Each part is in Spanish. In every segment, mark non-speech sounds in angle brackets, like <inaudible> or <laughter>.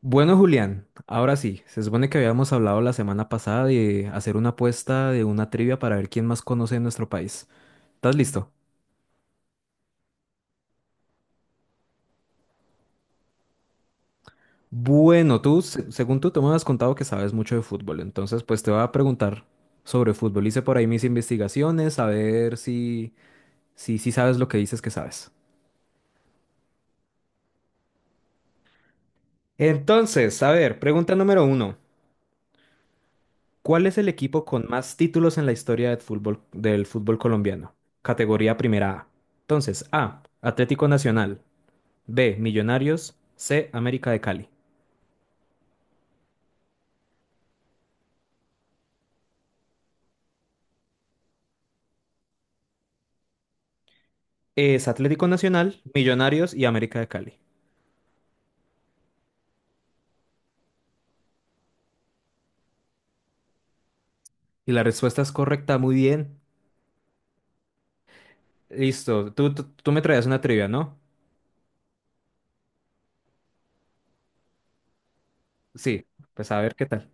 Bueno, Julián, ahora sí, se supone que habíamos hablado la semana pasada de hacer una apuesta de una trivia para ver quién más conoce de nuestro país. ¿Estás listo? Bueno, tú, según tú, te me has contado que sabes mucho de fútbol, entonces pues te voy a preguntar sobre fútbol. Hice por ahí mis investigaciones, a ver si, si sabes lo que dices que sabes. Entonces, a ver, pregunta número uno. ¿Cuál es el equipo con más títulos en la historia del fútbol colombiano? Categoría primera A. Entonces, A, Atlético Nacional; B, Millonarios; C, América de Cali. Es Atlético Nacional, Millonarios y América de Cali. Y la respuesta es correcta, muy bien. Listo, tú me traías una trivia, ¿no? Sí, pues a ver qué tal.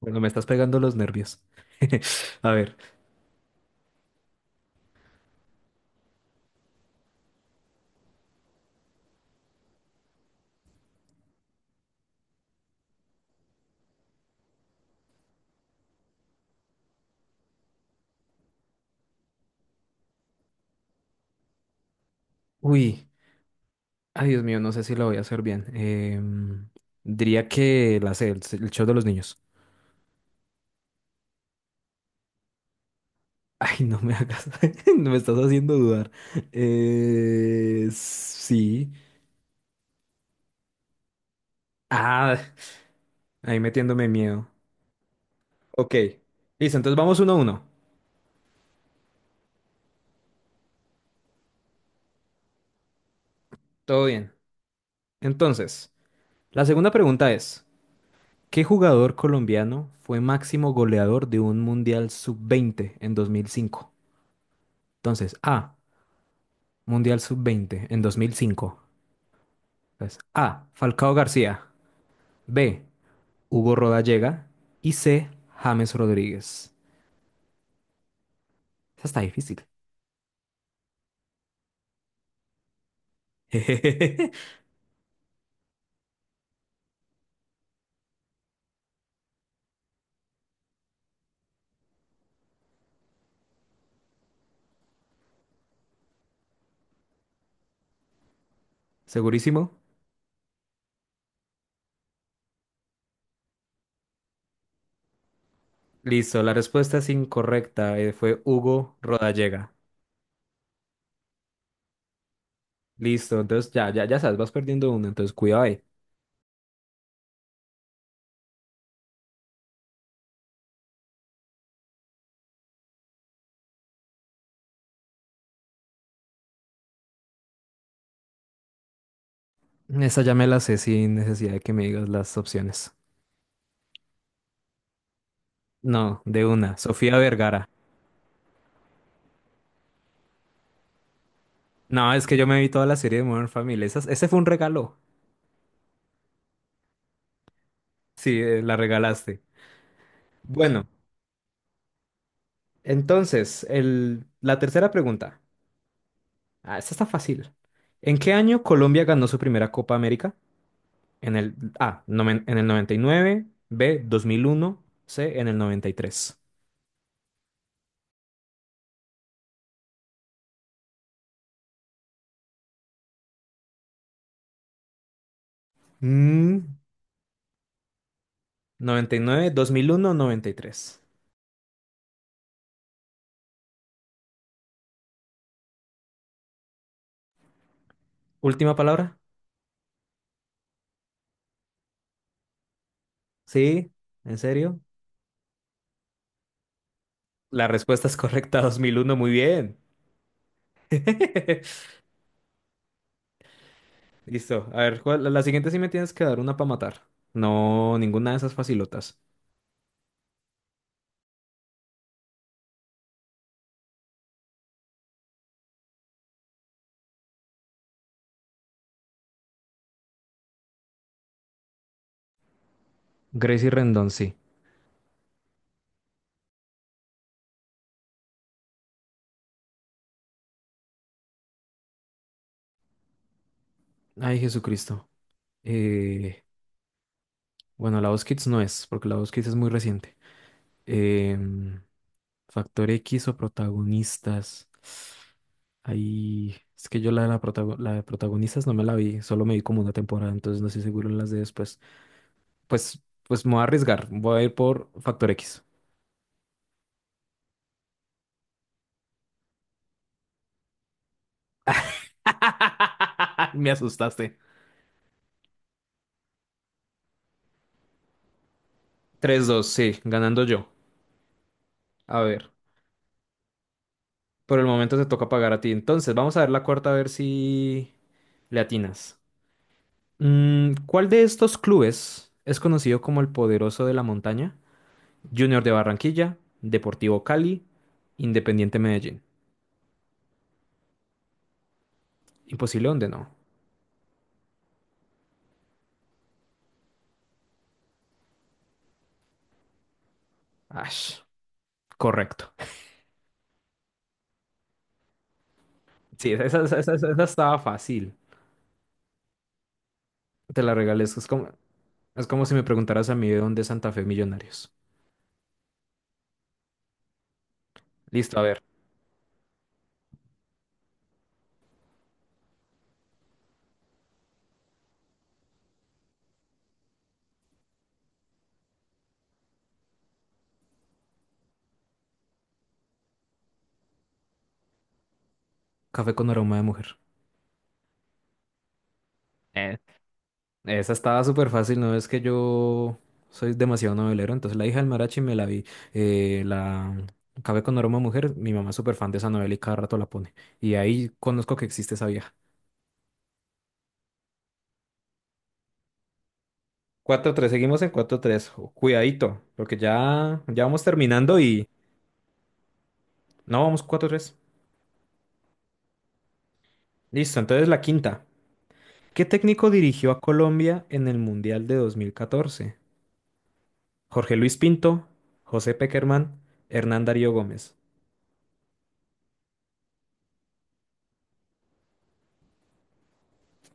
Bueno, me estás pegando los nervios. <laughs> A ver. Uy, ay Dios mío, no sé si lo voy a hacer bien. Diría que la sé, el show de los niños. Ay, no me hagas, <laughs> no me estás haciendo dudar. Sí. Ah, ahí metiéndome miedo. Ok, listo, entonces vamos uno a uno. Todo bien. Entonces, la segunda pregunta es, ¿qué jugador colombiano fue máximo goleador de un Mundial Sub-20 en 2005? Entonces, A, Mundial Sub-20 en 2005. Entonces, A, Falcao García; B, Hugo Rodallega; y C, James Rodríguez. Esa está difícil. <laughs> ¿Segurísimo? Listo, la respuesta es incorrecta, fue Hugo Rodallega. Listo, entonces ya, ya sabes, vas perdiendo uno, entonces cuidado ahí. Esa ya me la sé sin necesidad de que me digas las opciones. No, de una, Sofía Vergara. No, es que yo me vi toda la serie de Modern Family. Ese fue un regalo. Sí, la regalaste. Bueno, entonces, la tercera pregunta. Ah, esta está fácil. ¿En qué año Colombia ganó su primera Copa América? En el A, en el 99; B, 2001; C, en el 93. Mm, 99, 2001, 93. Última palabra. Sí, en serio. La respuesta es correcta, <laughs> 2001. Muy bien. <laughs> Listo. A ver, la siguiente sí me tienes que dar una para matar. No, ninguna de esas facilotas. Gracie Rendón, sí. Ay, Jesucristo. Eh, bueno, la voz Kids no es, porque la voz Kids es muy reciente. Em, Factor X o protagonistas. Ahí, es que yo la de, la de protagonistas no me la vi, solo me vi como una temporada, entonces no estoy seguro en las de después. Pues me voy a arriesgar. Voy a ir por factor X. <laughs> Me asustaste. Tres, dos, sí, ganando yo. A ver, por el momento te toca pagar a ti. Entonces, vamos a ver la cuarta a ver si le atinas. Mm, ¿cuál de estos clubes es conocido como el poderoso de la montaña? Junior de Barranquilla, Deportivo Cali, Independiente Medellín. Imposible donde no. Ash, correcto. Sí, esa estaba fácil. Te la regalé. Eso es como… Es como si me preguntaras a mí de dónde es Santa Fe Millonarios. Listo, a ver. Café con aroma de mujer. Eh, Esa estaba súper fácil, ¿no? Es que yo soy demasiado novelero, entonces La hija del Marachi me la vi. La Café con aroma de mujer, mi mamá es súper fan de esa novela y cada rato la pone. Y ahí conozco que existe esa vieja. Cuatro tres, seguimos en cuatro tres. Cuidadito, porque ya, ya vamos terminando y… No, vamos cuatro tres. Listo, entonces la quinta. ¿Qué técnico dirigió a Colombia en el Mundial de 2014? Jorge Luis Pinto, José Peckerman, Hernán Darío Gómez.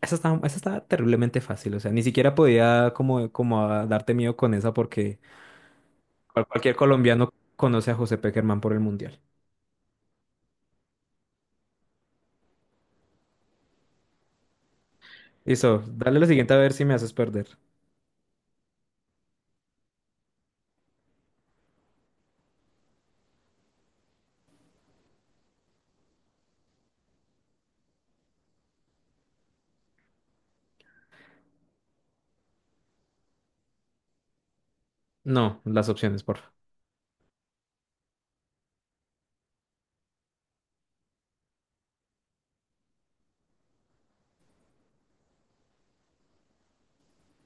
Esa estaba terriblemente fácil, o sea, ni siquiera podía como, como a darte miedo con esa porque cualquier colombiano conoce a José Peckerman por el Mundial. Listo, dale la siguiente a ver si me haces perder. No, las opciones, porfa.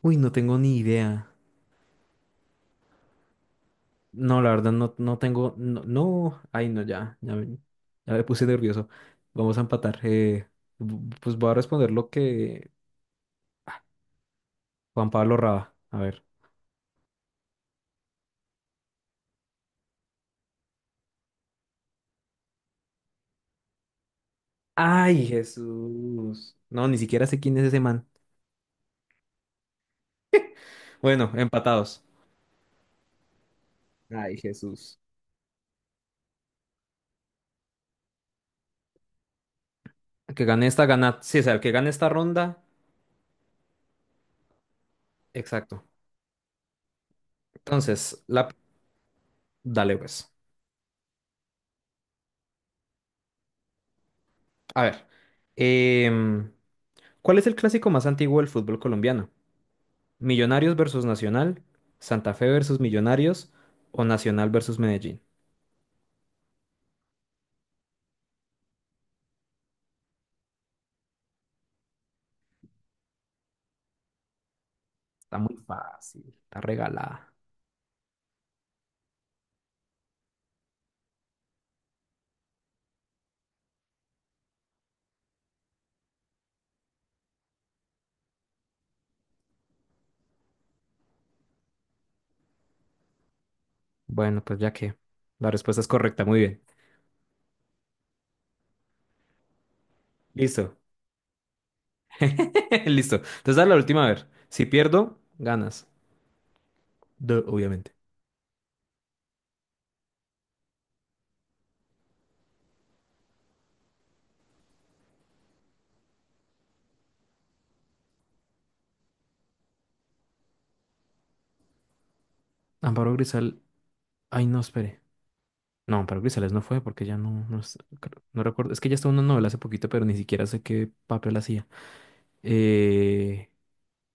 Uy, no tengo ni idea. No, la verdad, no, ay, no, ya, ya me puse nervioso. Vamos a empatar. Pues voy a responder lo que Juan Pablo Raba, a ver. Ay, Jesús. No, ni siquiera sé quién es ese man. Bueno, empatados. Ay, Jesús. El que gane esta, gana. Sí, o sea, el que gane esta ronda. Exacto. Entonces, la… dale pues. A ver. em, ¿Cuál es el clásico más antiguo del fútbol colombiano? ¿Millonarios versus Nacional? ¿Santa Fe versus Millonarios? ¿O Nacional versus Medellín? Está muy fácil. Está regalada. Bueno, pues ya que la respuesta es correcta. Muy bien. Listo. <laughs> Listo. Entonces, dale la última, a ver. Si pierdo, ganas. Obviamente. Amparo Grisal. Ay, no, espere. No, Amparo Grisales no fue porque ya no, no, no recuerdo. Es que ya estaba en una novela hace poquito, pero ni siquiera sé qué papel hacía. Eh,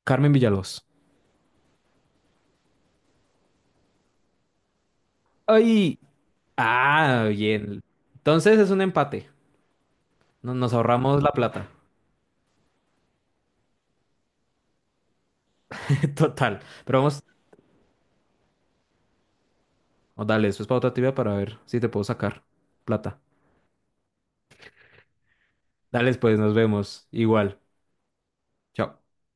Carmen Villalobos. ¡Ay! Ah, bien. Entonces es un empate. Nos ahorramos la plata. <laughs> Total. Pero vamos, oh, dale, después para otra tibia para ver si te puedo sacar plata. Dale, pues, nos vemos. Igual. Chao.